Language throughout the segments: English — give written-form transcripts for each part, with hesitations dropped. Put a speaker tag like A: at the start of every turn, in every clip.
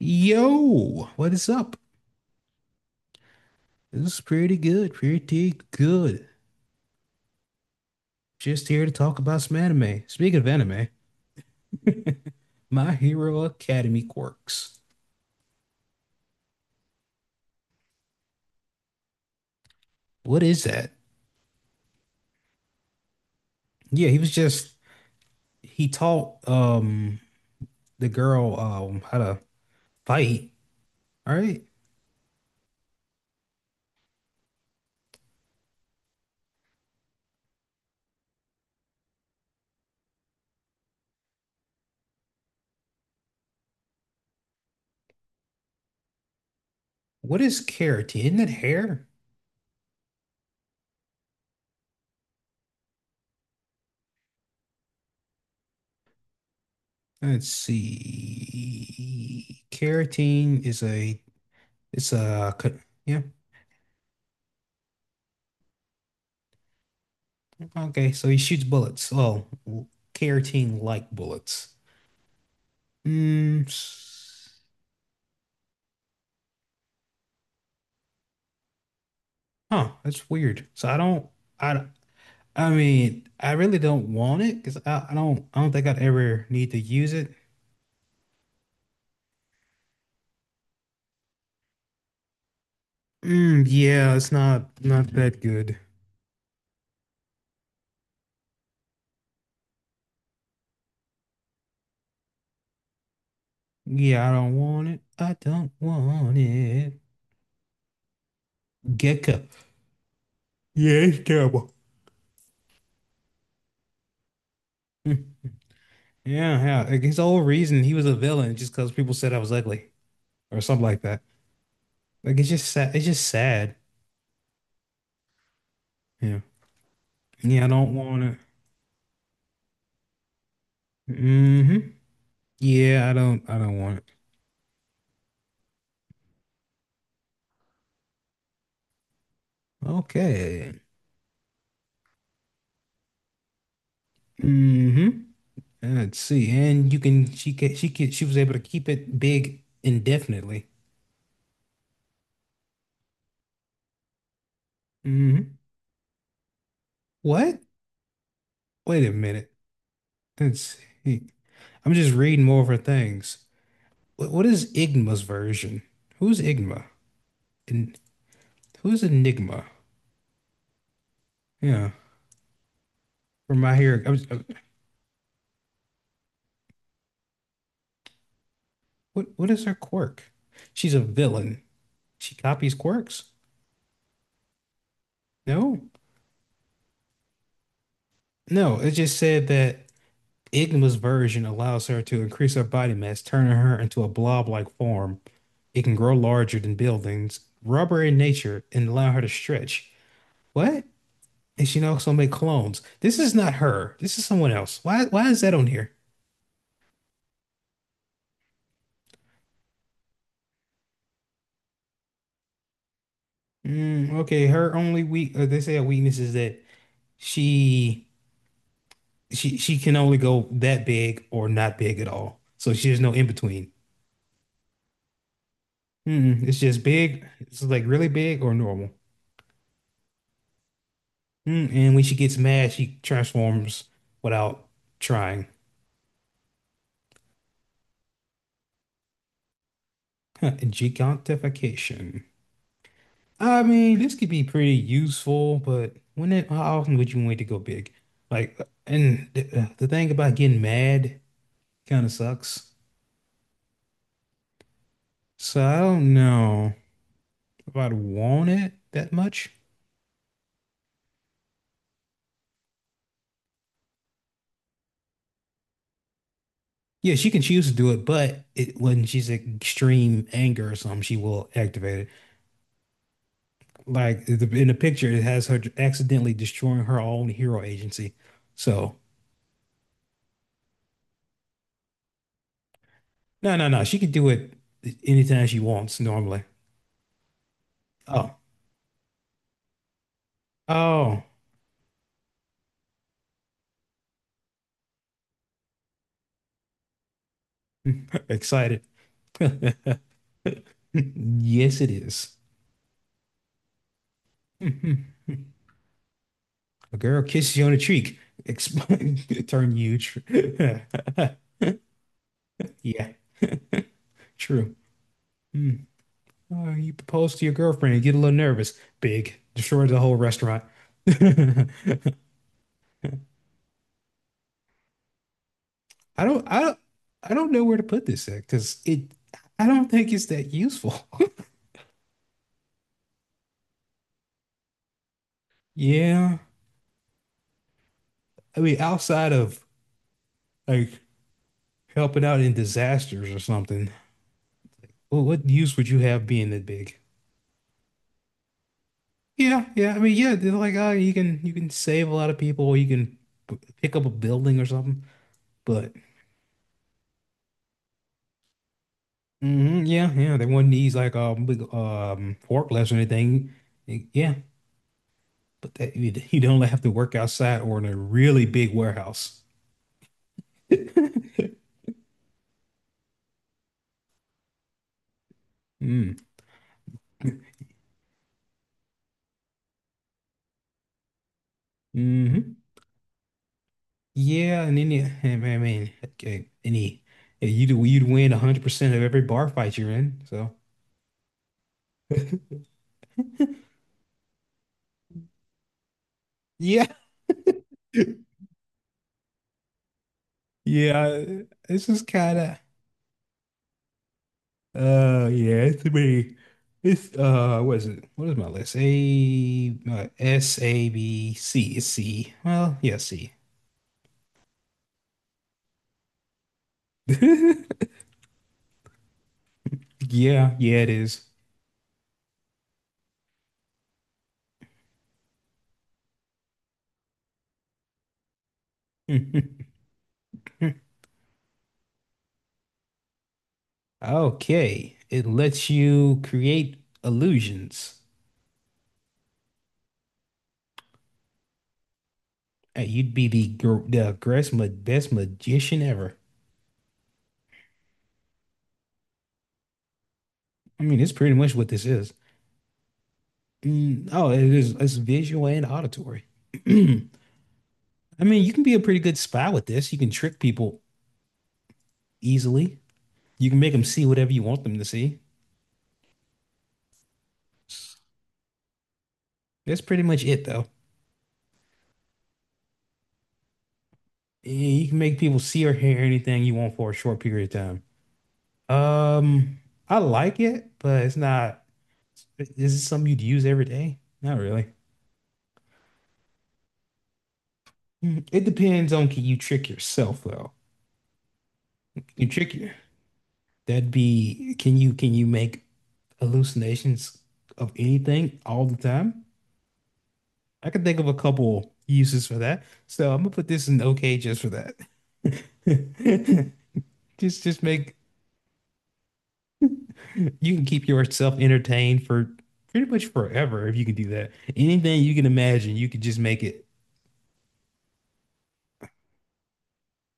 A: Yo, what is up? This is pretty good, pretty good. Just here to talk about some anime. Speaking of anime, My Hero Academy quirks. What is that? Yeah, he was just he taught the girl how to fight. All right. What is keratin? Isn't it hair? Let's see. Keratin is a it's a co- yeah. Okay, so he shoots bullets. Well, keratin like bullets. Mm, s- huh, that's weird. So I, I mean, I really don't want it because I don't think I'd ever need to use it. Mm, yeah, it's not that good. Yeah, I don't want it. I don't want it. Gecko. Yeah, it's terrible. Mm, yeah, yeah. Like his whole reason he was a villain just because people said I was ugly or something like that. Like it's just sad. It's just sad. Yeah. Yeah, I don't want it. Hmm. Yeah, I don't want it. Okay. Hmm. Let's see. And you can she can she was able to keep it big indefinitely. Hmm. What? Wait a minute. Let's see. I'm just reading more of her things. What is Igma's version? Who's Igma? And who's Enigma? Yeah. From my hearing. What is her quirk? She's a villain. She copies quirks? No. No, it just said that. Igma's version allows her to increase her body mass, turning her into a blob-like form. It can grow larger than buildings, rubber in nature, and allow her to stretch. What? And she can also make clones. This is not her. This is someone else. Why? Why is that on here? Mm, okay, her only weak. They say a weakness is that she she can only go that big or not big at all. So she has no in between. Mm, it's just big. It's like really big or normal. Mm, and when she gets mad, she transforms without trying. Gigantification. I mean, this could be pretty useful, but when it, how often would you wait to go big? Like, and the thing about getting mad kind of sucks. So I don't know if I'd want it that much. Yeah, she can choose to do it, but it, when she's in extreme anger or something, she will activate it. Like the, in the picture, it has her accidentally destroying her own hero agency. So. No, no, no. She can do it anytime she wants normally. Oh, oh, excited. Yes, it is. A girl kisses you on the cheek. Exp turn huge. Yeah, true. Hmm. Oh, you propose to your girlfriend and get a little nervous. Big. Destroys the whole restaurant. I don't, I don't, I don't know where to put this at because it, I don't think it's that useful. Yeah. I mean, outside of like helping out in disasters or something. Well, what use would you have being that big? Yeah, yeah. I mean, yeah, they're like, oh, you can save a lot of people, or you can p- pick up a building or something. But mhm, yeah, yeah, they wouldn't need like big forklifts or anything. Yeah, but that, you you don't have to work outside or in a really big warehouse. Mm. Hmm. Yeah, and then you, I mean, okay, any you'd win 100% of every bar fight you're in. So. Yeah, it's just kind of yeah, it's pretty it's what is it? What is my list? A S A B C it's C. Well, yeah, C. Yeah, yeah, it is. Okay, it lets you create illusions. Hey, you'd be the greatest ma best magician ever. I mean, it's pretty much what this is. Mm, oh, it is. It's visual and auditory. I mean, you can be a pretty good spy with this. You can trick people easily. You can make them see whatever you want them to see. That's pretty much it, though. Yeah, you can make people see or hear anything you want for a short period of time. I like it, but it's not. Is it something you'd use every day? Not really. Mm, it depends on can you trick yourself though. Can you trick you? That'd be can you make hallucinations of anything all the time? I can think of a couple uses for that. So I'm gonna put this in okay just for that. Just make you can keep yourself entertained for pretty much forever if you can do that. Anything you can imagine, you can just make it.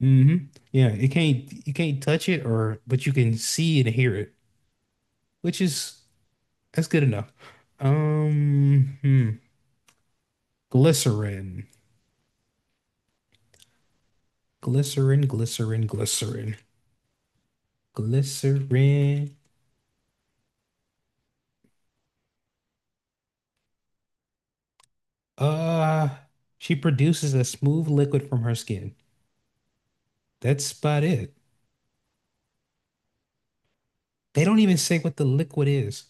A: Hmm. Yeah, it can't you can't touch it or but you can see and hear it, which is that's good enough. Hmm. Glycerin. Glycerin, glycerin, glycerin. Glycerin. Uh, she produces a smooth liquid from her skin. That's about it. They don't even say what the liquid is.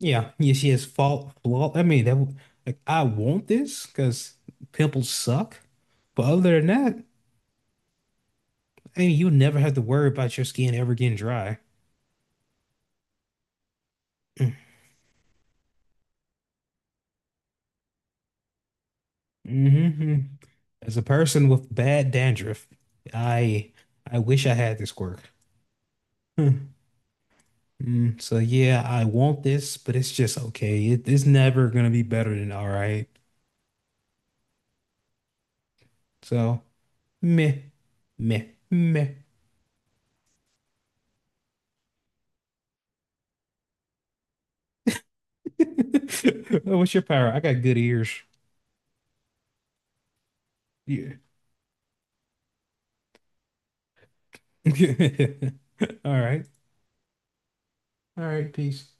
A: Yeah, yeah, she has fault flaw. I mean, that w- like I want this because pimples suck. But other than that, I mean, you never have to worry about your skin ever getting dry. Hmm. As a person with bad dandruff, I I wish I had this quirk. Hmm. Mm, so yeah, I want this, but it's just okay. It's never gonna be better than all right. So. Meh, meh, meh. Oh, what's your power? I got good ears. Yeah. All right. All right. Peace.